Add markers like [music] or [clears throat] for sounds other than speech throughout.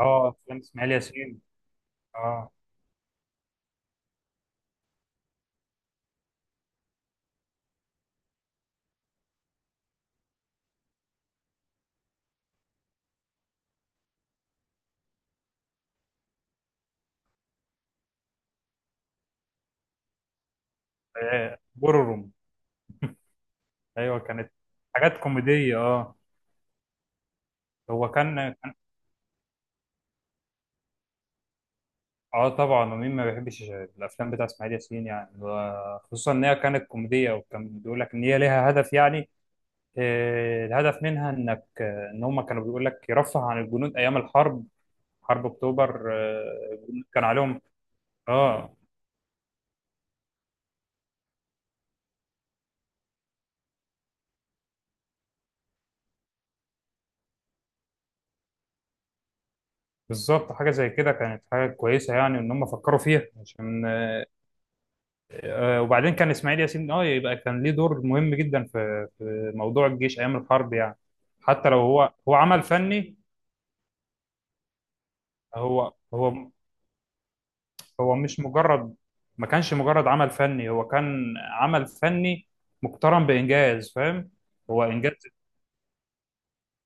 اه، افلام اسماعيل ياسين. اه. بورروم. ايوه، كانت حاجات كوميديه. اه. هو كان اه، طبعا. ومين ما بيحبش الافلام بتاع اسماعيل ياسين؟ يعني خصوصا ان هي كانت كوميديه، وكان بيقول لك ان هي ليها هدف يعني. الهدف منها انك ان هم كانوا بيقول لك يرفه عن الجنود ايام الحرب. حرب اكتوبر. الجنود كان عليهم. اه، بالظبط حاجه زي كده، كانت حاجه كويسه يعني ان هم فكروا فيها عشان وبعدين كان اسماعيل ياسين، يبقى كان ليه دور مهم جدا في موضوع الجيش ايام الحرب يعني. حتى لو هو هو عمل فني. هو هو. هو مش مجرد ما كانش مجرد عمل فني، هو كان عمل فني مقترن بانجاز. فاهم؟ هو انجاز،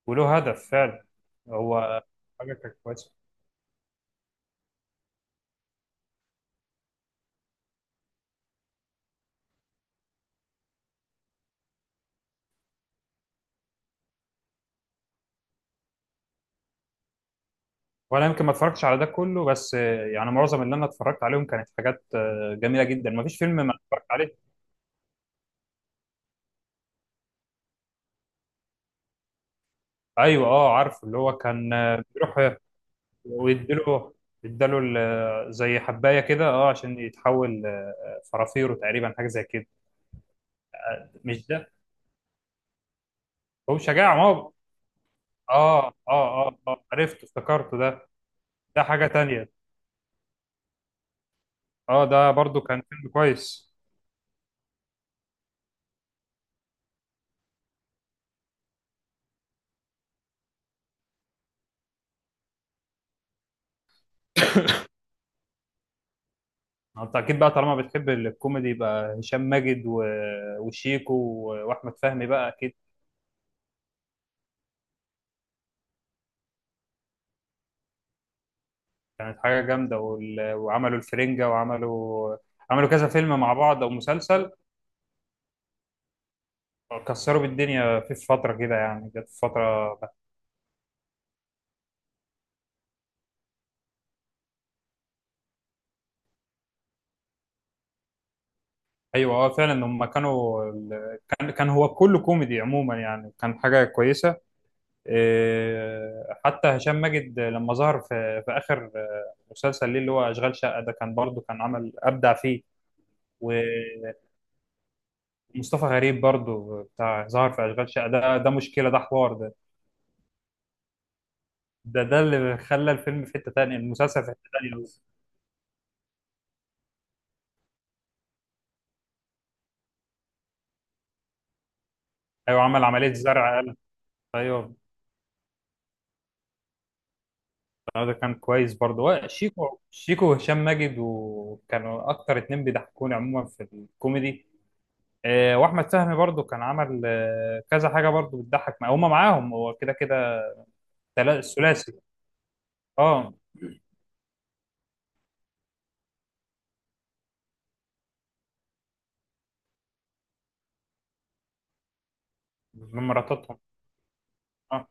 وله هدف فعلا. هو حاجه كانت كويسه. وانا يمكن ما اتفرجتش على ده كله، بس يعني معظم اللي انا اتفرجت عليهم كانت حاجات جميله جدا. ما فيش فيلم ما اتفرجت عليه. ايوه. اه، عارف اللي هو كان بيروح. ويديله زي حبايه كده، اه، عشان يتحول فرافيرو تقريبا، حاجه زي كده. مش ده، هو شجاع ما هو. اه، اه، اه، اه، عرفت افتكرته ده. ده حاجه تانية. اه، ده برضو كان فيلم كويس. انت اكيد بقى، طالما بتحب الكوميدي، يبقى هشام ماجد وشيكو واحمد فهمي، بقى اكيد. كانت حاجه جامده. وعملوا الفرنجه، وعملوا كذا فيلم مع بعض او مسلسل. كسروا بالدنيا في فتره كده، يعني جت فتره. ايوه. اه، فعلا هم كانوا كان هو كله كوميدي عموما، يعني كان حاجه كويسه. إيه، حتى هشام ماجد لما ظهر في اخر مسلسل ليه، اللي هو اشغال شقه ده، كان برضه كان عمل ابدع فيه. ومصطفى غريب برضه بتاع ظهر في اشغال شقه ده، ده مشكله، ده حوار ده. ده اللي خلى الفيلم في حته تانيه، المسلسل في حته تانيه. ايوه، عمل عمليه زرع قلب. ايوه. ده كان كويس برضه. شيكو وهشام ماجد، وكانوا اكتر اتنين بيضحكوني عموما في الكوميدي. واحمد فهمي برضه كان عمل كذا حاجه برضه بتضحك مع هما معاهم، هو كده كده. الثلاثي. اه. من مراتاتهم. اه.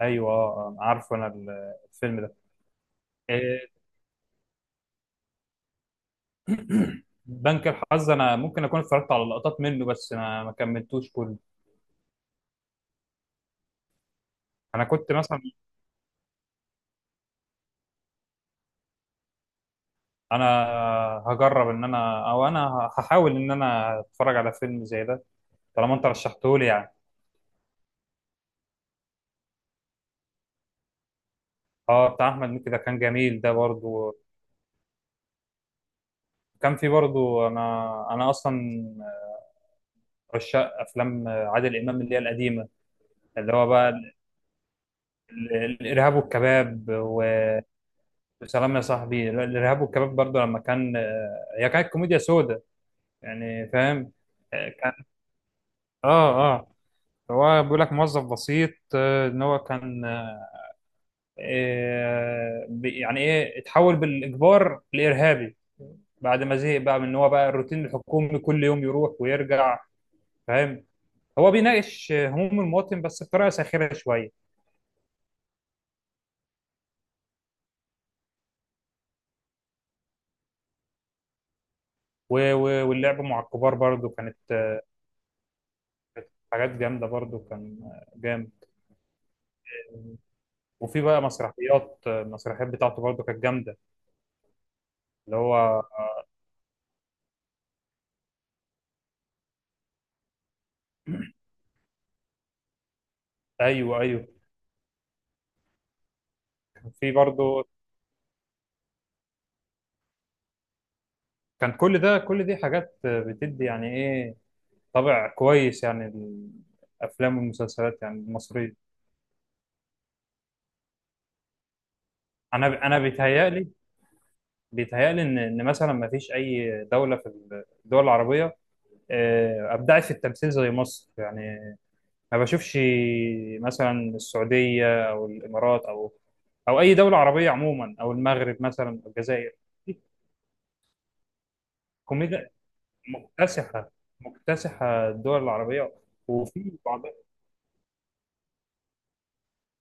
ايوه. اه، عارفه انا الفيلم ده. آه، [clears throat] بنك الحظ، انا ممكن اكون اتفرجت على لقطات منه، بس انا ما كملتوش كله. انا كنت مثلا انا هجرب ان انا او انا هحاول ان انا اتفرج على فيلم زي ده، طالما انت رشحته لي يعني. اه، بتاع احمد مكي ده كان جميل، ده برضو. كان في برضو انا اصلا عشاق افلام عادل امام اللي هي القديمه. اللي هو بقى الارهاب والكباب. وسلام يا صاحبي. الارهاب والكباب برضو، لما كان هي كانت كوميديا سودا، يعني، فاهم؟ كان. اه اه هو بيقول لك موظف بسيط، ان هو كان يعني ايه، اتحول بالاجبار لارهابي. بعد ما زهق بقى من ان هو بقى الروتين الحكومي كل يوم يروح ويرجع. فاهم؟ هو بيناقش هموم المواطن، بس بطريقه ساخره شويه. واللعب مع الكبار برضو كانت حاجات جامده برضو، كان جامد. وفي بقى مسرحيات. المسرحيات بتاعته برضو كانت جامده. اللي هو ايوه، ايوه. كان في برضو. كان كل دي حاجات، بتدي يعني ايه، طابع كويس يعني، الافلام والمسلسلات يعني المصريه. انا بيتهيألي ان مثلا ما فيش اي دوله في الدول العربيه ابدعت في التمثيل زي مصر يعني. ما بشوفش مثلا السعوديه او الامارات او اي دوله عربيه عموما، او المغرب مثلا، او الجزائر. في كوميديا مكتسحه، مكتسحه الدول العربيه. وفي بعضها.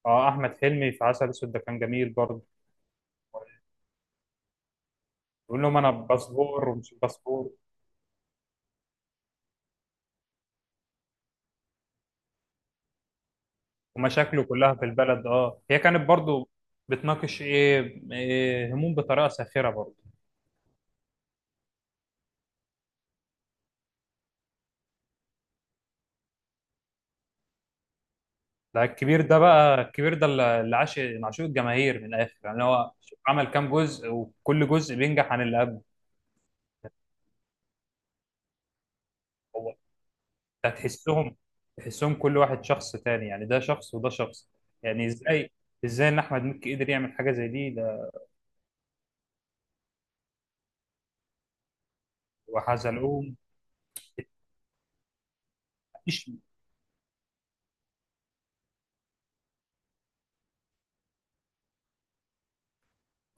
اه، احمد حلمي في عسل اسود ده كان جميل برضه. بيقول لهم انا باسبور ومش باسبور. ومشاكله كلها في البلد. اه، هي كانت برضو بتناقش إيه هموم بطريقه ساخره برضو. ده الكبير ده، بقى الكبير ده اللي عاش من عشوق الجماهير من الاخر، يعني هو عمل كام جزء، وكل جزء بينجح عن اللي قبله. هو ده تحسهم كل واحد شخص تاني، يعني ده شخص وده شخص. يعني ازاي ان احمد مكي قدر يعمل حاجه زي دي ده. وحزلقوم، مفيش.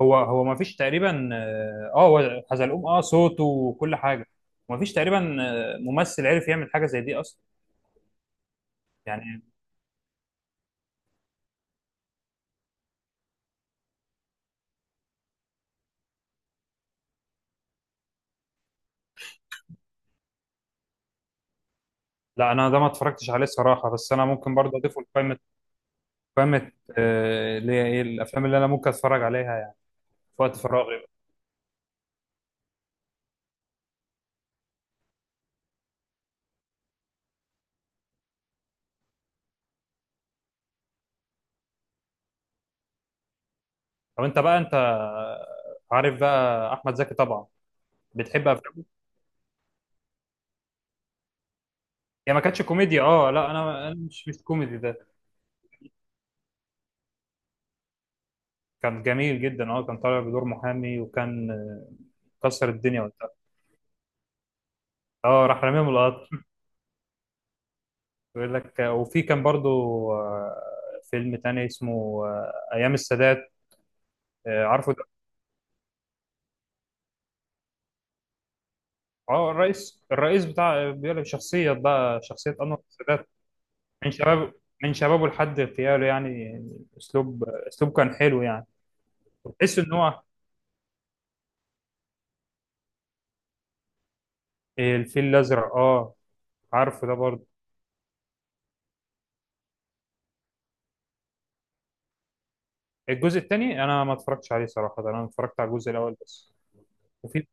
هو هو ما فيش تقريبا، اه، هو حزلقوم، اه، صوته وكل حاجه. ما فيش تقريبا ممثل عرف يعمل حاجه زي دي اصلا، يعني. لا، انا ده ما اتفرجتش عليه الصراحه، بس انا ممكن برضه اضيفه لقائمه. قائمه، اللي هي ايه الافلام اللي انا ممكن اتفرج عليها، يعني في وقت فراغي. طب انت بقى، انت عارف بقى احمد زكي طبعا، بتحب افلامه؟ هي ما كانتش كوميديا. اه، لا، انا مش كوميدي ده. كان جميل جدا. اه، كان طالع بدور محامي، وكان كسر الدنيا وقتها. اه، راح رميهم القطر. بيقول لك. وفي كان برضو آه، فيلم تاني اسمه أيام السادات. عارفه ده. اه، الرئيس بتاع، بيقول لك شخصية بقى، شخصية أنور السادات، من شباب من شبابه لحد اغتياله يعني. أسلوب كان حلو يعني. وتحس إن هو الفيل الأزرق. اه، عارفه ده برضو. الجزء التاني أنا ما اتفرجتش عليه صراحة، ده أنا اتفرجت على الجزء الأول بس. وفي.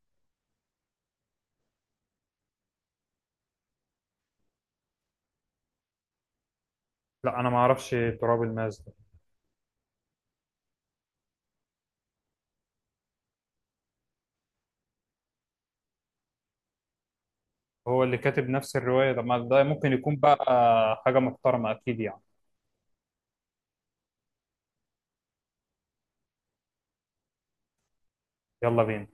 لا، أنا ما أعرفش تراب الماس ده. هو اللي كاتب نفس الرواية، ده ما ده ممكن يكون بقى حاجة محترمة أكيد يعني. يلا بينا.